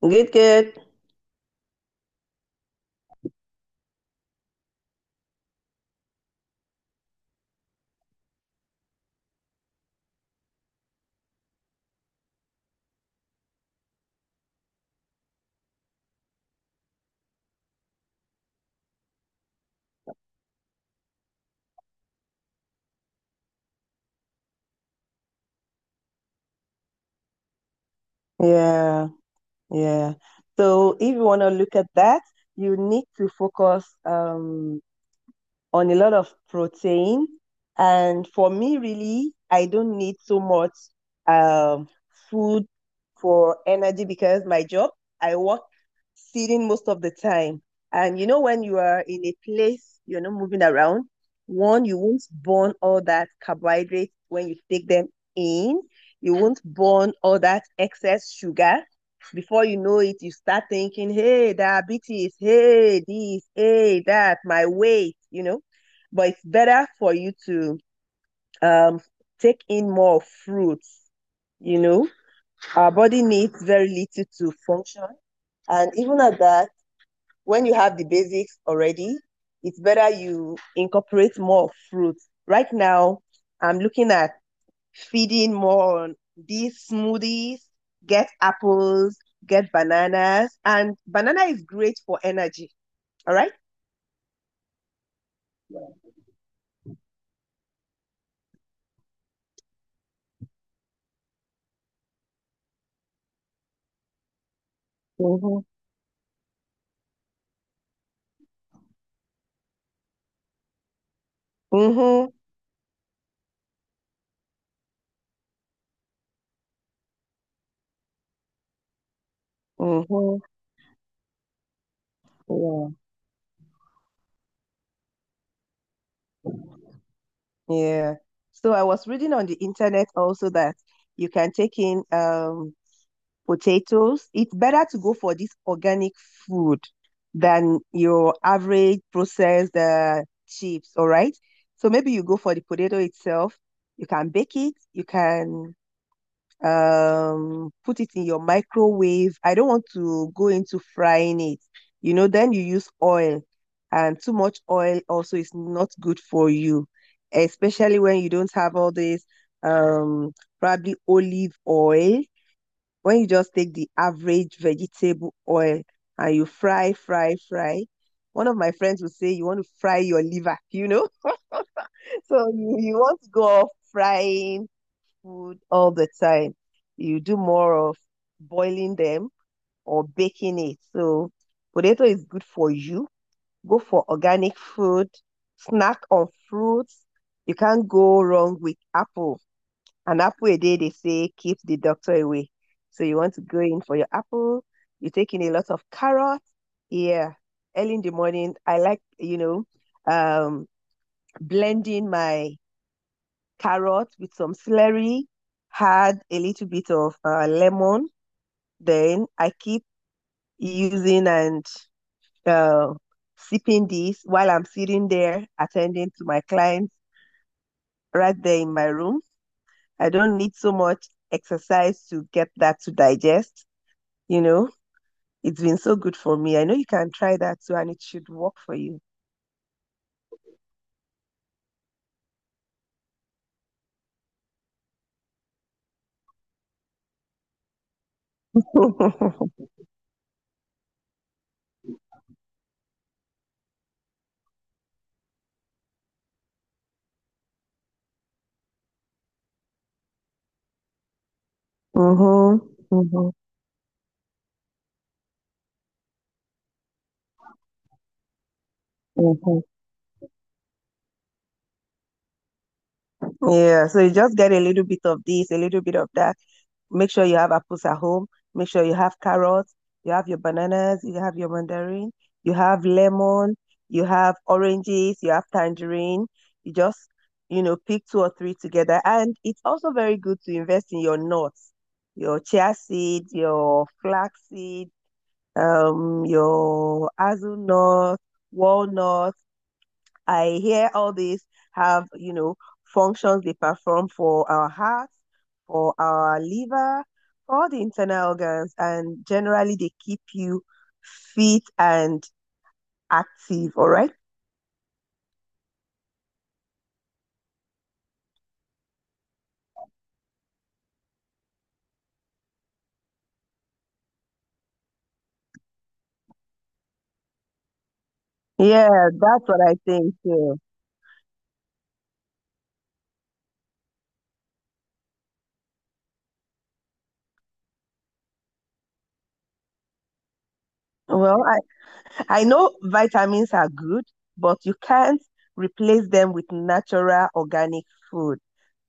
Good, good. Yeah, yeah. So if you want to look at that, you need to focus on a lot of protein. And for me, really, I don't need so much um, food for energy because my job, I work sitting most of the time. And you know, when you are in a place, you're not moving around, one, you won't burn all that carbohydrate when you take them in. You won't burn all that excess sugar. Before you know it, you start thinking, hey, diabetes, hey, this, hey, that, my weight, but it's better for you to um, take in more fruits. You know, our body needs very little to function. And even at that, when you have the basics already, it's better you incorporate more fruits. Right now, I'm looking at feeding more on these smoothies, get apples, get bananas. And banana is great for energy. All right? Mm-hmm. Mm-hmm. Mm-hmm. Yeah. Yeah. So I was reading on the internet also that you can take in potatoes. It's better to go for this organic food than your average processed chips, all right? So maybe you go for the potato itself. You can bake it, you can put it in your microwave. I don't want to go into frying it. You know, then you use oil, and too much oil also is not good for you, especially when you don't have all this um probably olive oil. When you just take the average vegetable oil and you fry, fry, fry. One of my friends would say you want to fry your liver, you know? So you want to go off frying food all the time. You do more of boiling them or baking it. So potato is good for you. Go for organic food, snack on fruits. You can't go wrong with apple. An apple a day, they say, keeps the doctor away. So you want to go in for your apple. You take in a lot of carrots. Yeah. Early in the morning, I like, you know, um, blending my carrot with some celery, add a little bit of lemon. Then I keep using and uh, sipping this while I'm sitting there attending to my clients right there in my room. I don't need so much exercise to get that to digest. You know, it's been so good for me. I know you can try that too, and it should work for you. Mm-hmm, mm-hmm, mm-hmm. Yeah, so you just get a little bit of this, a little bit of that. Make sure you have apples at home. Make sure you have carrots, you have your bananas, you have your mandarin, you have lemon, you have oranges, you have tangerine. You just, you know, pick two or three together. And it's also very good to invest in your nuts, your chia seed, your flax seed, your hazelnut, walnut, I hear all these have, you know, functions they perform for our heart, for our liver, for all the internal organs, and generally they keep you fit and active. All right. Yeah, that's what I think too. Well, I know vitamins are good, but you can't replace them with natural organic food.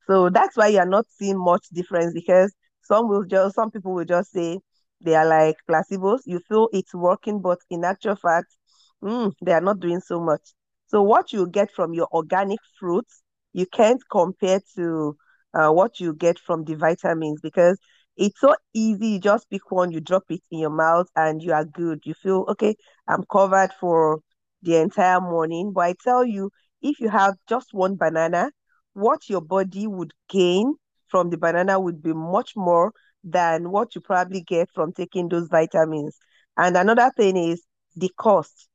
So that's why you're not seeing much difference because some people will just say they are like placebos. You feel it's working, but in actual fact, they are not doing so much. So what you get from your organic fruits, you can't compare to what you get from the vitamins because it's so easy. You just pick one, you drop it in your mouth, and you are good. You feel okay I'm covered for the entire morning. But I tell you, if you have just one banana, what your body would gain from the banana would be much more than what you probably get from taking those vitamins. And another thing is the cost,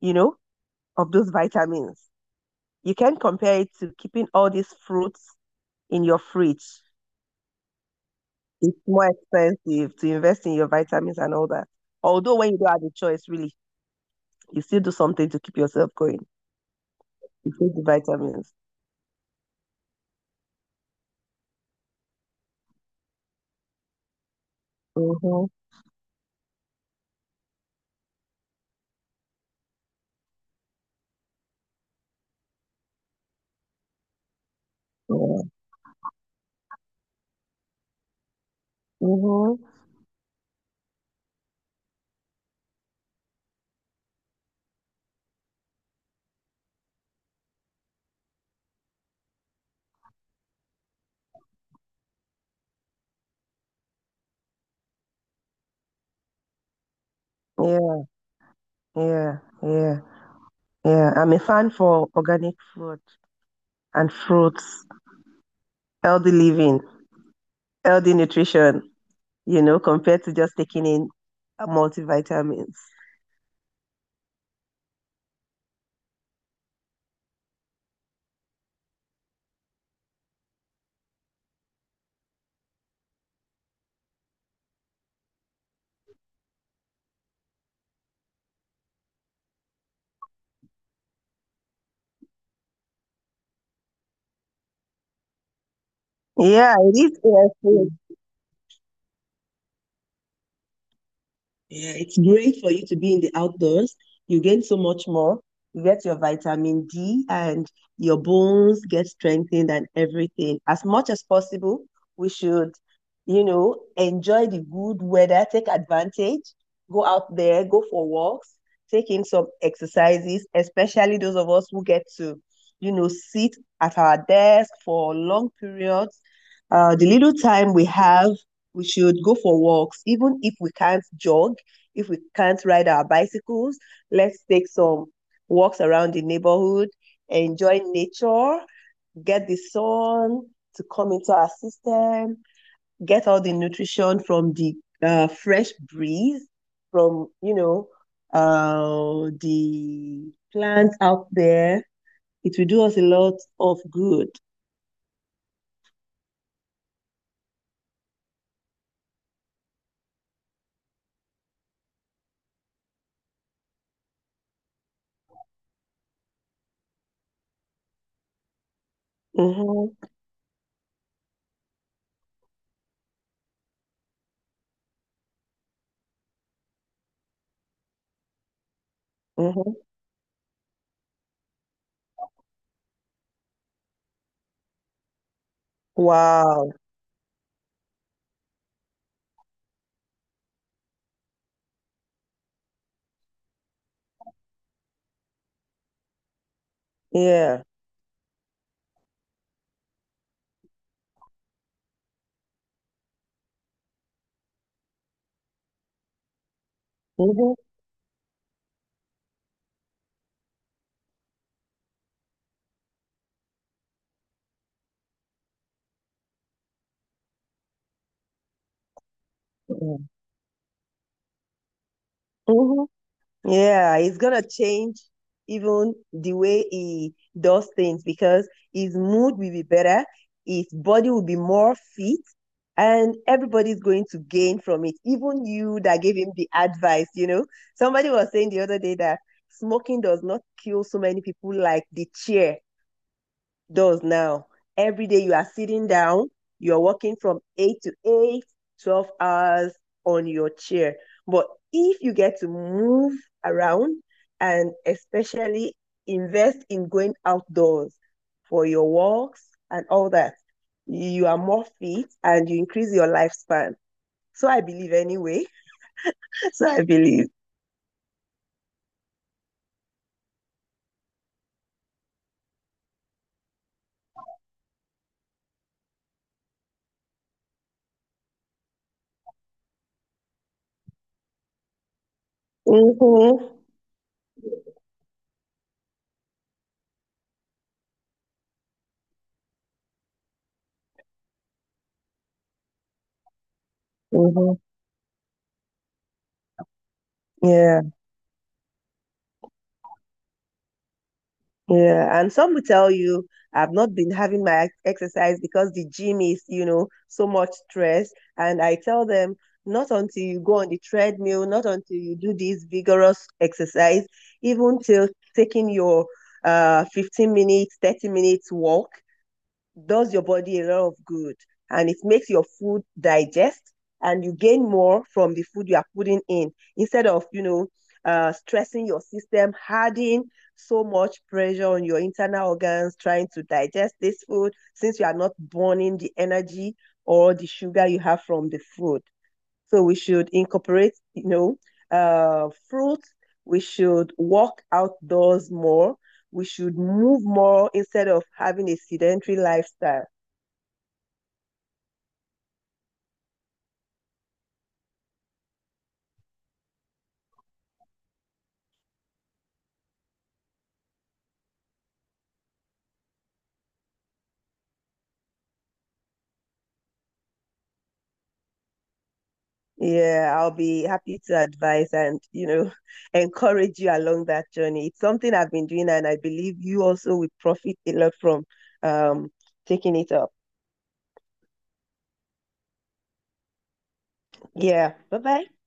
you know, of those vitamins. You can compare it to keeping all these fruits in your fridge. It's more expensive to invest in your vitamins and all that. Although when you don't have a choice, really, you still do something to keep yourself going. Take the vitamins. Mm-hmm. Yeah. Mm-hmm. Yeah. Yeah. Yeah. Yeah. I'm a fan for organic food and fruits, healthy living, healthy nutrition, you know, compared to just taking in multivitamins. Yeah, it is. A S A. Yeah, it's great for you to be in the outdoors. You gain so much more. You get your vitamin D and your bones get strengthened and everything. As much as possible, we should, you know, enjoy the good weather, take advantage, go out there, go for walks, take in some exercises, especially those of us who get to, you know, sit at our desk for long periods. The little time we have, we should go for walks, even if we can't jog if we can't ride our bicycles, let's take some walks around the neighborhood, enjoy nature, get the sun to come into our system, get all the nutrition from the fresh breeze, from, you know, the plants out there. It will do us a lot of good. Mm-hmm, mm-hmm. Wow. Yeah. Mm-hmm. Mm-hmm. Mm-hmm. Yeah, he's gonna change even the way he does things because his mood will be better, his body will be more fit, and everybody's going to gain from it. Even you that gave him the advice, you know. Somebody was saying the other day that smoking does not kill so many people like the chair does now. Every day you are sitting down, you're working from 8 to 8, 12 hours on your chair. But if you get to move around and especially invest in going outdoors for your walks and all that, you are more fit and you increase your lifespan. So I believe anyway. So I believe. Mm-hmm. Mm-hmm. Yeah. Yeah, and some will tell you I've not been having my exercise because the gym is, you know, so much stress. And I tell them, not until you go on the treadmill, not until you do this vigorous exercise, even till taking your 15 minutes, 30 minutes walk, does your body a lot of good and it makes your food digest and you gain more from the food you are putting in instead of, you know, stressing your system, adding so much pressure on your internal organs trying to digest this food since you are not burning the energy or the sugar you have from the food. So we should incorporate, you know, fruits. We should walk outdoors more. We should move more instead of having a sedentary lifestyle. Yeah, I'll be happy to advise and, you know, encourage you along that journey. It's something I've been doing, and I believe you also will profit a lot from um taking it up. Yeah. Bye bye.